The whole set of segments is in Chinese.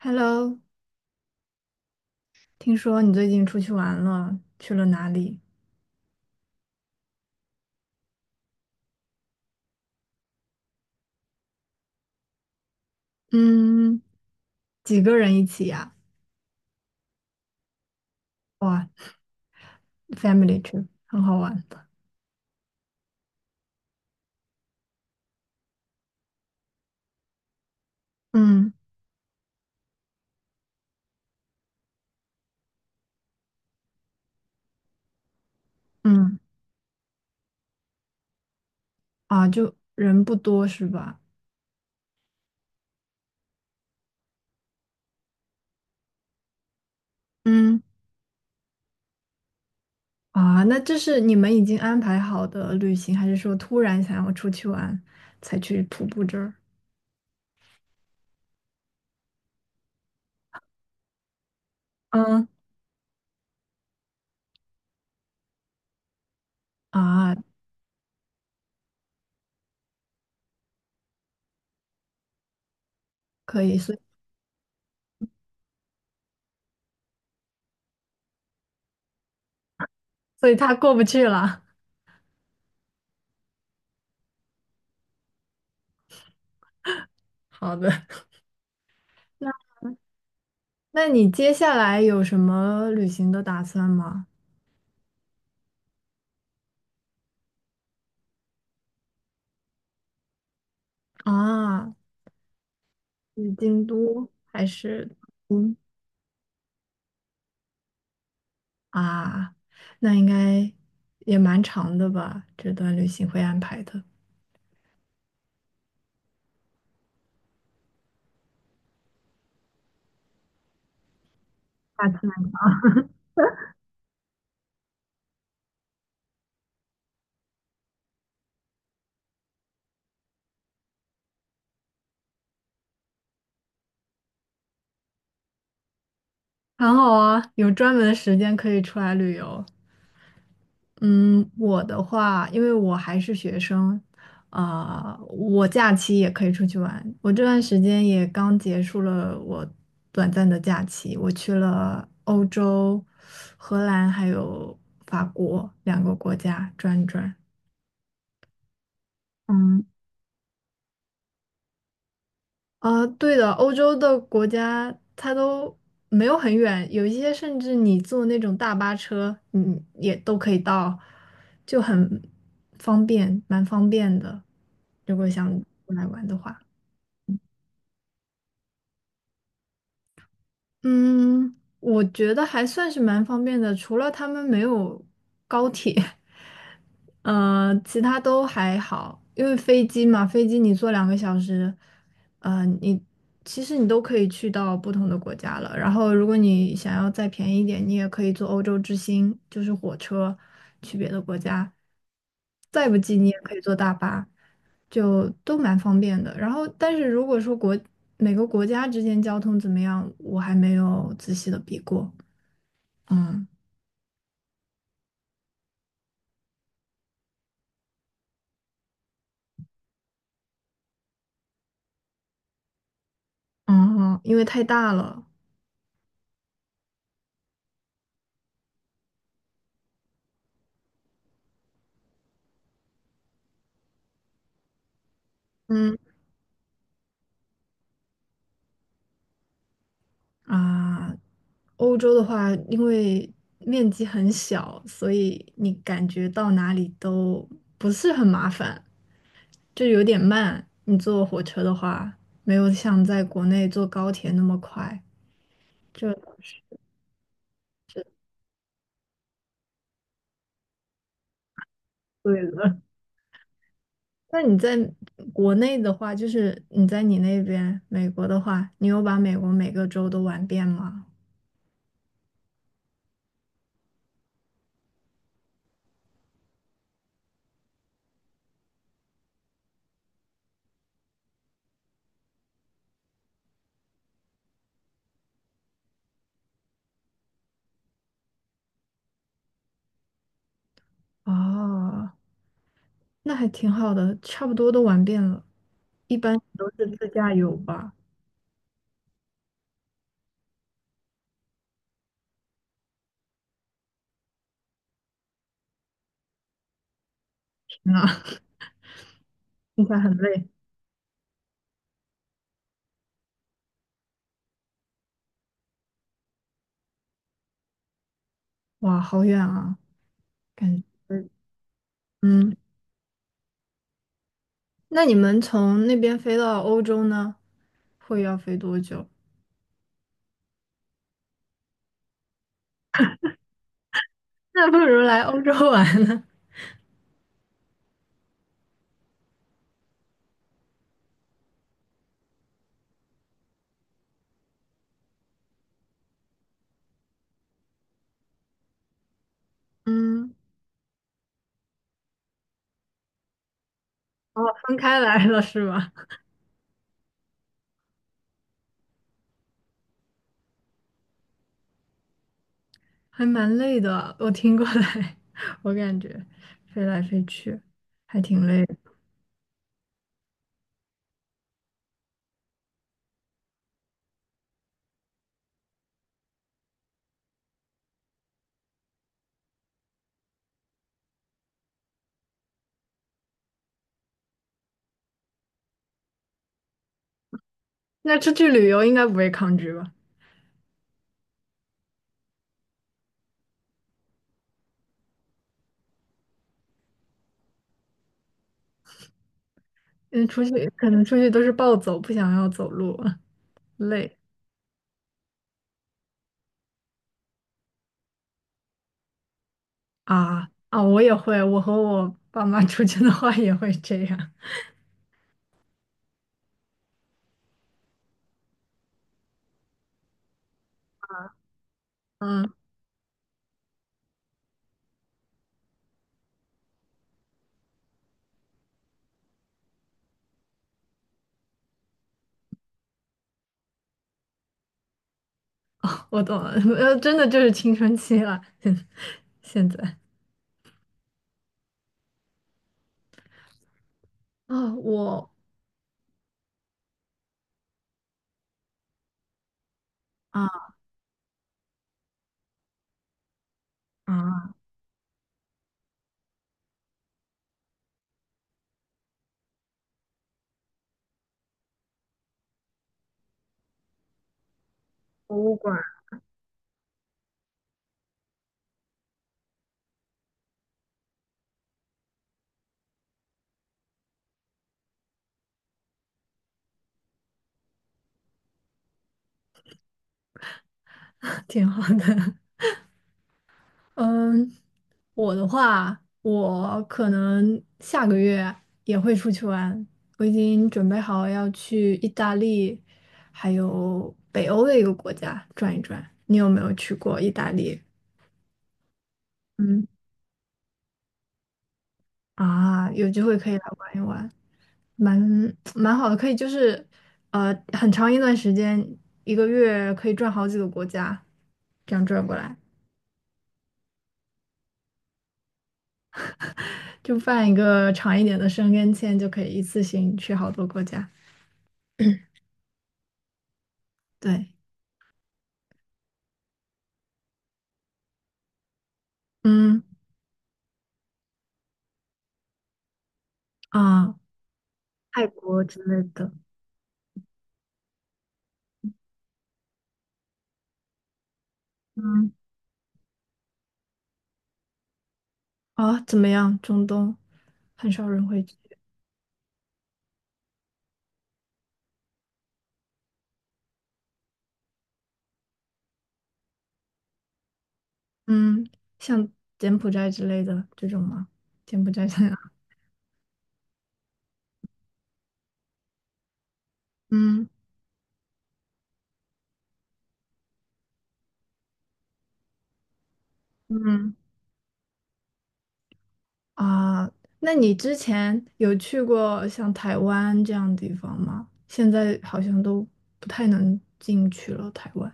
Hello，听说你最近出去玩了，去了哪里？嗯，几个人一起呀？哇，family trip，很好玩。嗯嗯，啊，就人不多是吧？嗯，啊，那这是你们已经安排好的旅行，还是说突然想要出去玩才去徒步这儿？嗯，啊，可以，所以他过不去了。好的，那那你接下来有什么旅行的打算吗？啊，是京都还是嗯啊？那应该也蛮长的吧？这段旅行会安排的，下次来很好啊，有专门的时间可以出来旅游。嗯，我的话，因为我还是学生，啊、我假期也可以出去玩。我这段时间也刚结束了我短暂的假期，我去了欧洲、荷兰还有法国两个国家转一转。嗯，啊，对的，欧洲的国家它都没有很远，有一些甚至你坐那种大巴车，也都可以到，就很方便，蛮方便的。如果想过来玩的话，嗯，我觉得还算是蛮方便的，除了他们没有高铁。嗯，其他都还好，因为飞机嘛，飞机你坐两个小时，嗯，你其实你都可以去到不同的国家了。然后，如果你想要再便宜一点，你也可以坐欧洲之星，就是火车去别的国家。再不济，你也可以坐大巴，就都蛮方便的。然后，但是如果说每个国家之间交通怎么样，我还没有仔细的比过。嗯嗯，因为太大了。嗯啊，欧洲的话，因为面积很小，所以你感觉到哪里都不是很麻烦，就有点慢。你坐火车的话，没有像在国内坐高铁那么快。这 对了。那你在国内的话，就是你那边美国的话，你有把美国每个州都玩遍吗？哦，那还挺好的，差不多都玩遍了。一般都是自驾游吧？天呐，听起来很累。哇，好远啊！感觉，嗯，那你们从那边飞到欧洲呢，会要飞多久？那不如来欧洲玩呢。嗯，哦，分开来了是吧？还蛮累的，我听过来，我感觉飞来飞去还挺累的。那出去旅游应该不会抗拒吧？嗯，出去可能出去都是暴走，不想要走路，累啊啊！我也会，我和我爸妈出去的话也会这样。嗯。哦，我懂了，真的就是青春期了，现在啊，我啊啊，博物馆 挺好的。嗯，我的话，我可能下个月也会出去玩，我已经准备好要去意大利，还有北欧的一个国家转一转。你有没有去过意大利？嗯，啊，有机会可以来玩一玩。蛮蛮好的，可以就是很长一段时间，一个月可以转好几个国家，这样转过来，就办一个长一点的申根签，就可以一次性去好多国家。对，嗯啊，泰国之类的，嗯啊，怎么样？中东很少人会去，嗯，像柬埔寨之类的这种吗？柬埔寨这样，嗯嗯。啊，那你之前有去过像台湾这样的地方吗？现在好像都不太能进去了，台湾。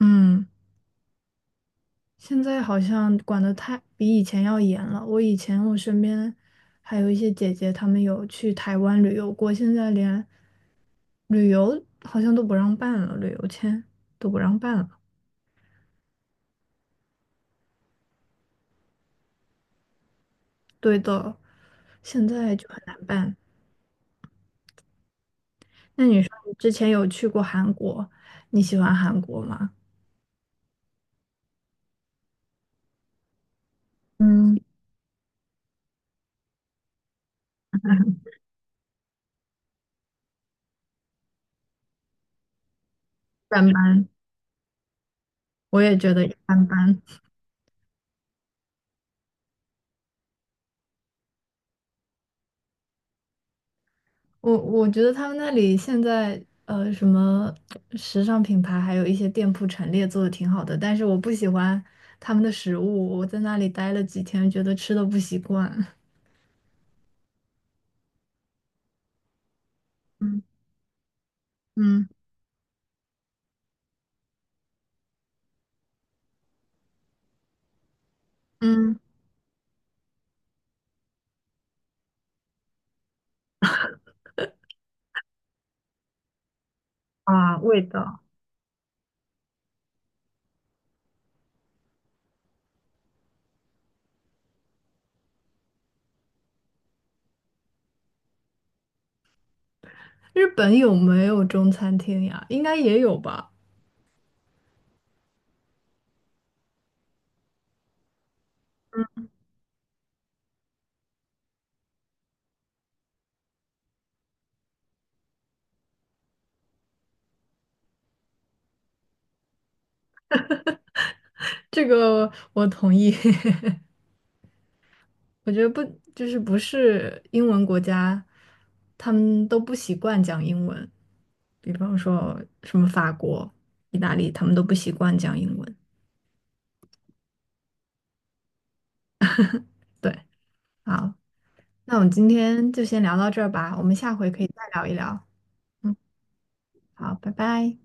嗯，现在好像管得太比以前要严了。我以前我身边还有一些姐姐，她们有去台湾旅游过，现在连旅游好像都不让办了，旅游签都不让办了。对的，现在就很难办。那你说你之前有去过韩国，你喜欢韩国吗？嗯，一般般，我也觉得一般般。我觉得他们那里现在什么时尚品牌，还有一些店铺陈列做的挺好的，但是我不喜欢他们的食物。我在那里待了几天，觉得吃的不习惯。嗯嗯嗯，啊，味道。日本有没有中餐厅呀？应该也有吧。这个我同意。我觉得不，就是不是英文国家，他们都不习惯讲英文。比方说什么法国、意大利，他们都不习惯讲英文。对，好，那我们今天就先聊到这儿吧，我们下回可以再聊一聊。嗯，好，拜拜。